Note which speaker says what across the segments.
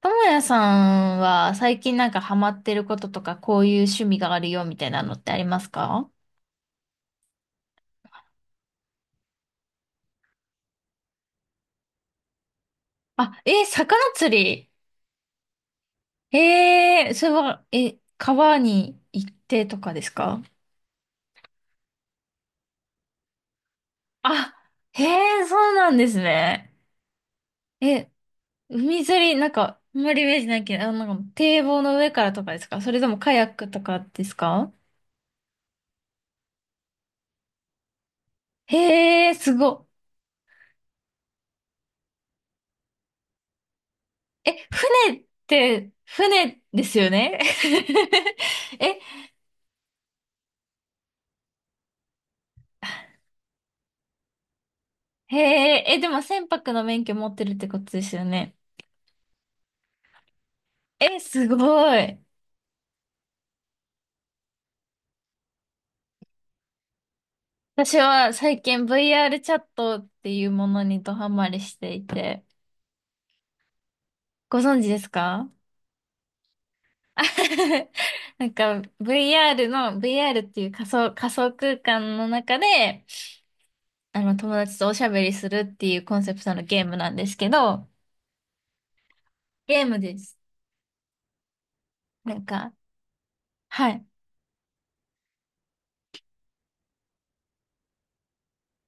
Speaker 1: ともやさんは最近なんかハマってることとか、こういう趣味があるよみたいなのってありますか？あ、魚釣り。それは、え、川に行ってとかですか？あ、へえ、そうなんですね。え、海釣り、なんか、あんまりイメージないけど、なんか堤防の上からとかですか？それともカヤックとかですか？へえ、すごっ。え、船って、船ですよね？ え、へえ、え、でも船舶の免許持ってるってことですよね。え、すごい。私は最近 VR チャットっていうものにドハマりしていて、ご存知ですか？ なんか VR っていう仮想空間の中で、あの友達とおしゃべりするっていうコンセプトのゲームなんですけど、ゲームです。なんか、はい。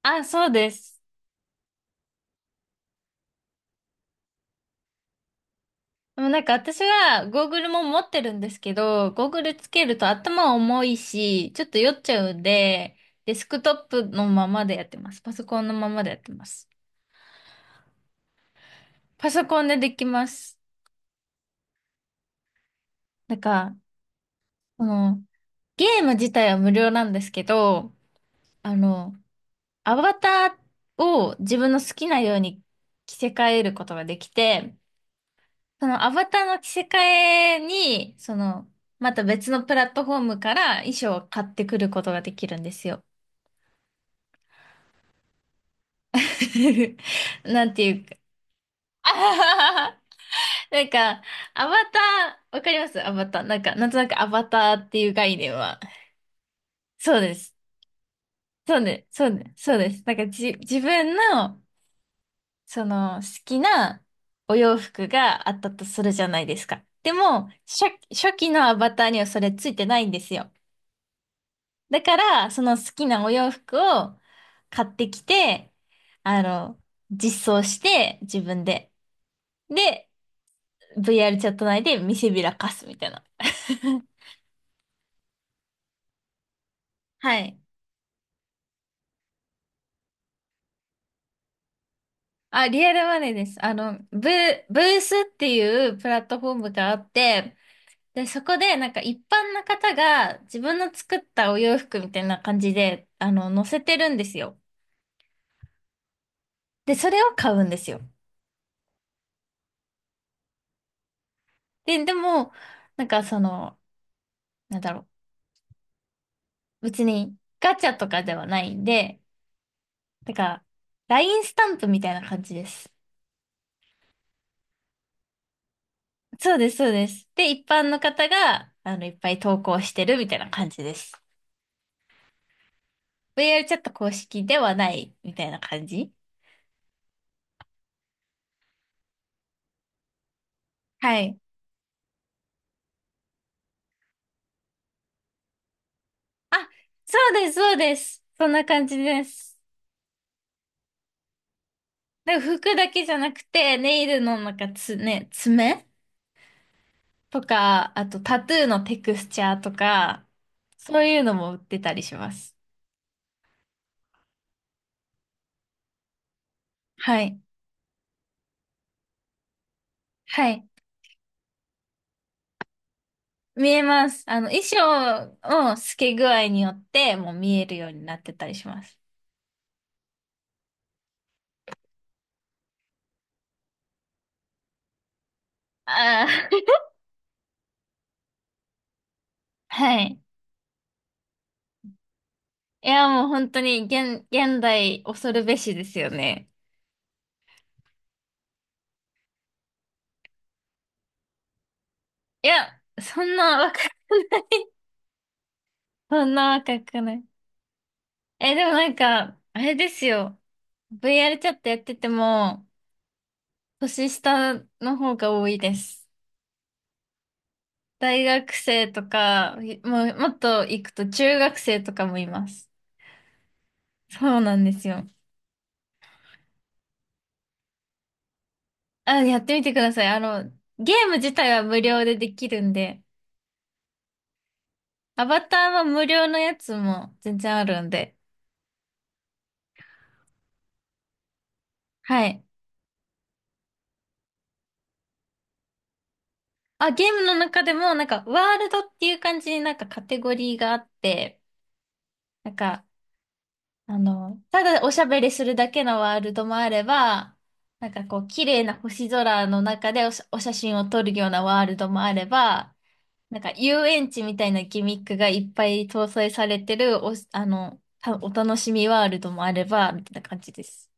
Speaker 1: あ、そうです。でもなんか私はゴーグルも持ってるんですけど、ゴーグルつけると頭重いし、ちょっと酔っちゃうんで、デスクトップのままでやってます。パソコンのままでやってます。パソコンでできます。なんか、この、ゲーム自体は無料なんですけど、あの、アバターを自分の好きなように着せ替えることができて、そのアバターの着せ替えに、また別のプラットフォームから衣装を買ってくることができるんですよ。なんていうか、あはははなんか、アバター、わかりますアバター？なんか、なんとなくアバターっていう概念は。そうです。そうです。そうです。そうです。なんか、自分の、好きなお洋服があったとするじゃないですか。でも、初期のアバターにはそれついてないんですよ。だから、その好きなお洋服を買ってきて、あの、実装して、自分で。で、VR チャット内で見せびらかすみたいな。はい。あ、リアルマネーです。ブースっていうプラットフォームがあって、で、そこでなんか一般の方が自分の作ったお洋服みたいな感じで、載せてるんですよ。で、それを買うんですよ。でも、なんかなんだろう。別にガチャとかではないんで、だから、LINE スタンプみたいな感じです。そうです、そうです。で、一般の方が、いっぱい投稿してるみたいな感じです。VR チャット公式ではないみたいな感じ。はい。あ、そうです、そうです。そんな感じです。で、服だけじゃなくて、ネイルのなんか爪とか、あとタトゥーのテクスチャーとか、そういうのも売ってたりします。はい。はい。見えます。衣装の透け具合によって、もう見えるようになってたりします。ああ。はい。いや、もう本当に現代恐るべしですよね。いや、そんな若くない。そんな若くない。え、でもなんか、あれですよ。VR チャットやってても、年下の方が多いです。大学生とか、いもう、もっと行くと中学生とかもいます。そうなんですよ。あ、やってみてください。ゲーム自体は無料でできるんで、アバターは無料のやつも全然あるんで。はい。あ、ゲームの中でも、なんか、ワールドっていう感じになんかカテゴリーがあって、なんか、ただおしゃべりするだけのワールドもあれば、なんかこう、綺麗な星空の中でお写真を撮るようなワールドもあれば、なんか遊園地みたいなギミックがいっぱい搭載されてるお、あの、たお楽しみワールドもあれば、みたいな感じです。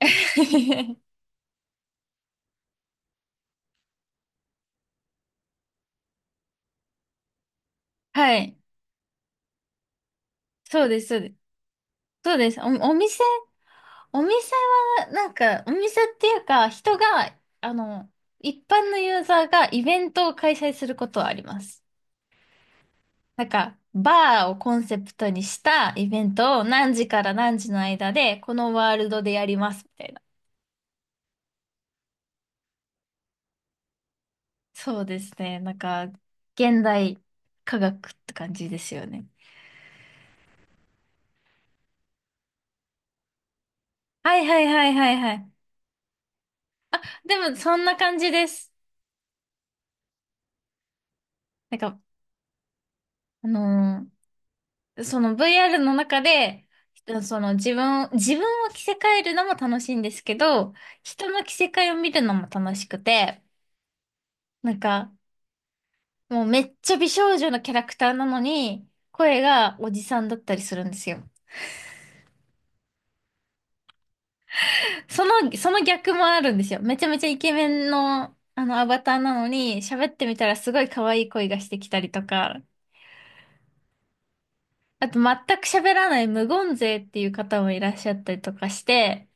Speaker 1: はい。そうです、そうです。そうです。お店お店は、なんか、お店っていうか、人が、あの、一般のユーザーがイベントを開催することはあります。なんか、バーをコンセプトにしたイベントを何時から何時の間で、このワールドでやります、みたいな。そうですね。なんか、現代科学って感じですよね。はいはいはいはいはい。でも、そんな感じです。なんか、あのーその VR の中で、その自分を着せ替えるのも楽しいんですけど、人の着せ替えを見るのも楽しくて、なんか、もうめっちゃ美少女のキャラクターなのに、声がおじさんだったりするんですよ。その逆もあるんですよ。めちゃめちゃイケメンの、アバターなのに、喋ってみたらすごい可愛い声がしてきたりとか、あと全く喋らない無言勢っていう方もいらっしゃったりとかして、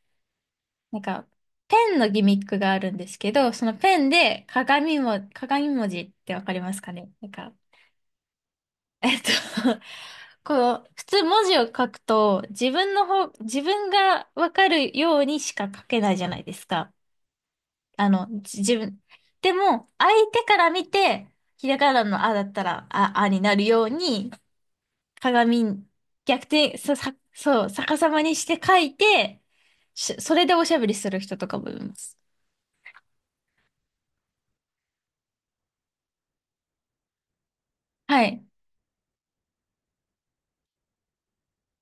Speaker 1: なんか、ペンのギミックがあるんですけど、そのペンで鏡文字ってわかりますかね？なんか、えっと こう、普通文字を書くと、自分がわかるようにしか書けないじゃないですか。あの、じ自分。でも、相手から見て、ひらがなのあだったら、あ、あになるように、鏡、逆転、そう、逆さまにして書いて、それでおしゃべりする人とかもいます。はい。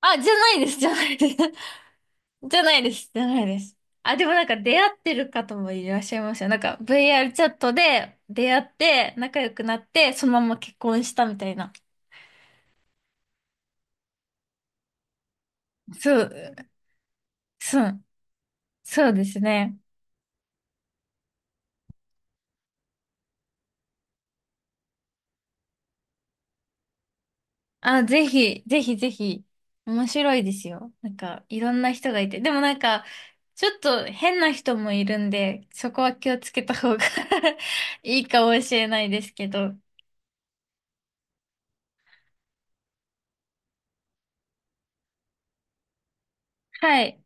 Speaker 1: あ、じゃないです、じゃないです。じゃないです、じゃないです。あ、でもなんか出会ってる方もいらっしゃいますよ。なんか VR チャットで出会って仲良くなってそのまま結婚したみたいな。そう、そう、そうですね。あ、ぜひ、ぜひぜひ。面白いですよ。なんかいろんな人がいて。でもなんかちょっと変な人もいるんで、そこは気をつけた方が いいかもしれないですけど。はい。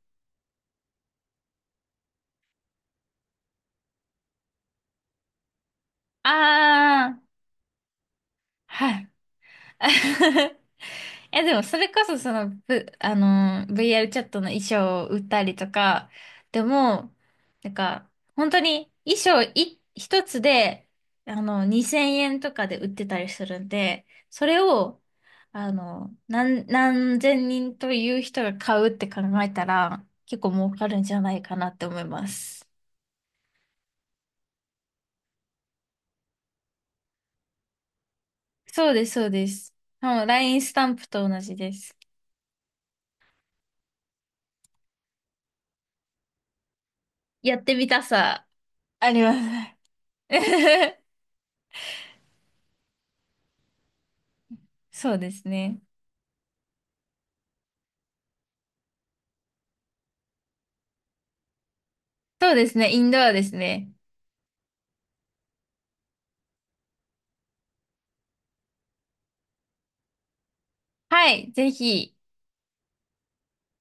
Speaker 1: あー、はい。え、でもそれこそその、V、あのー、VR チャットの衣装を売ったりとか、でも、なんか、本当に衣装い一つで、2000円とかで売ってたりするんで、それを、何千人という人が買うって考えたら、結構儲かるんじゃないかなって思います。そうです、そうです。もう LINE スタンプと同じです。やってみたさ、あります。そうですね。そうですね、インドアですね。はい、ぜひ。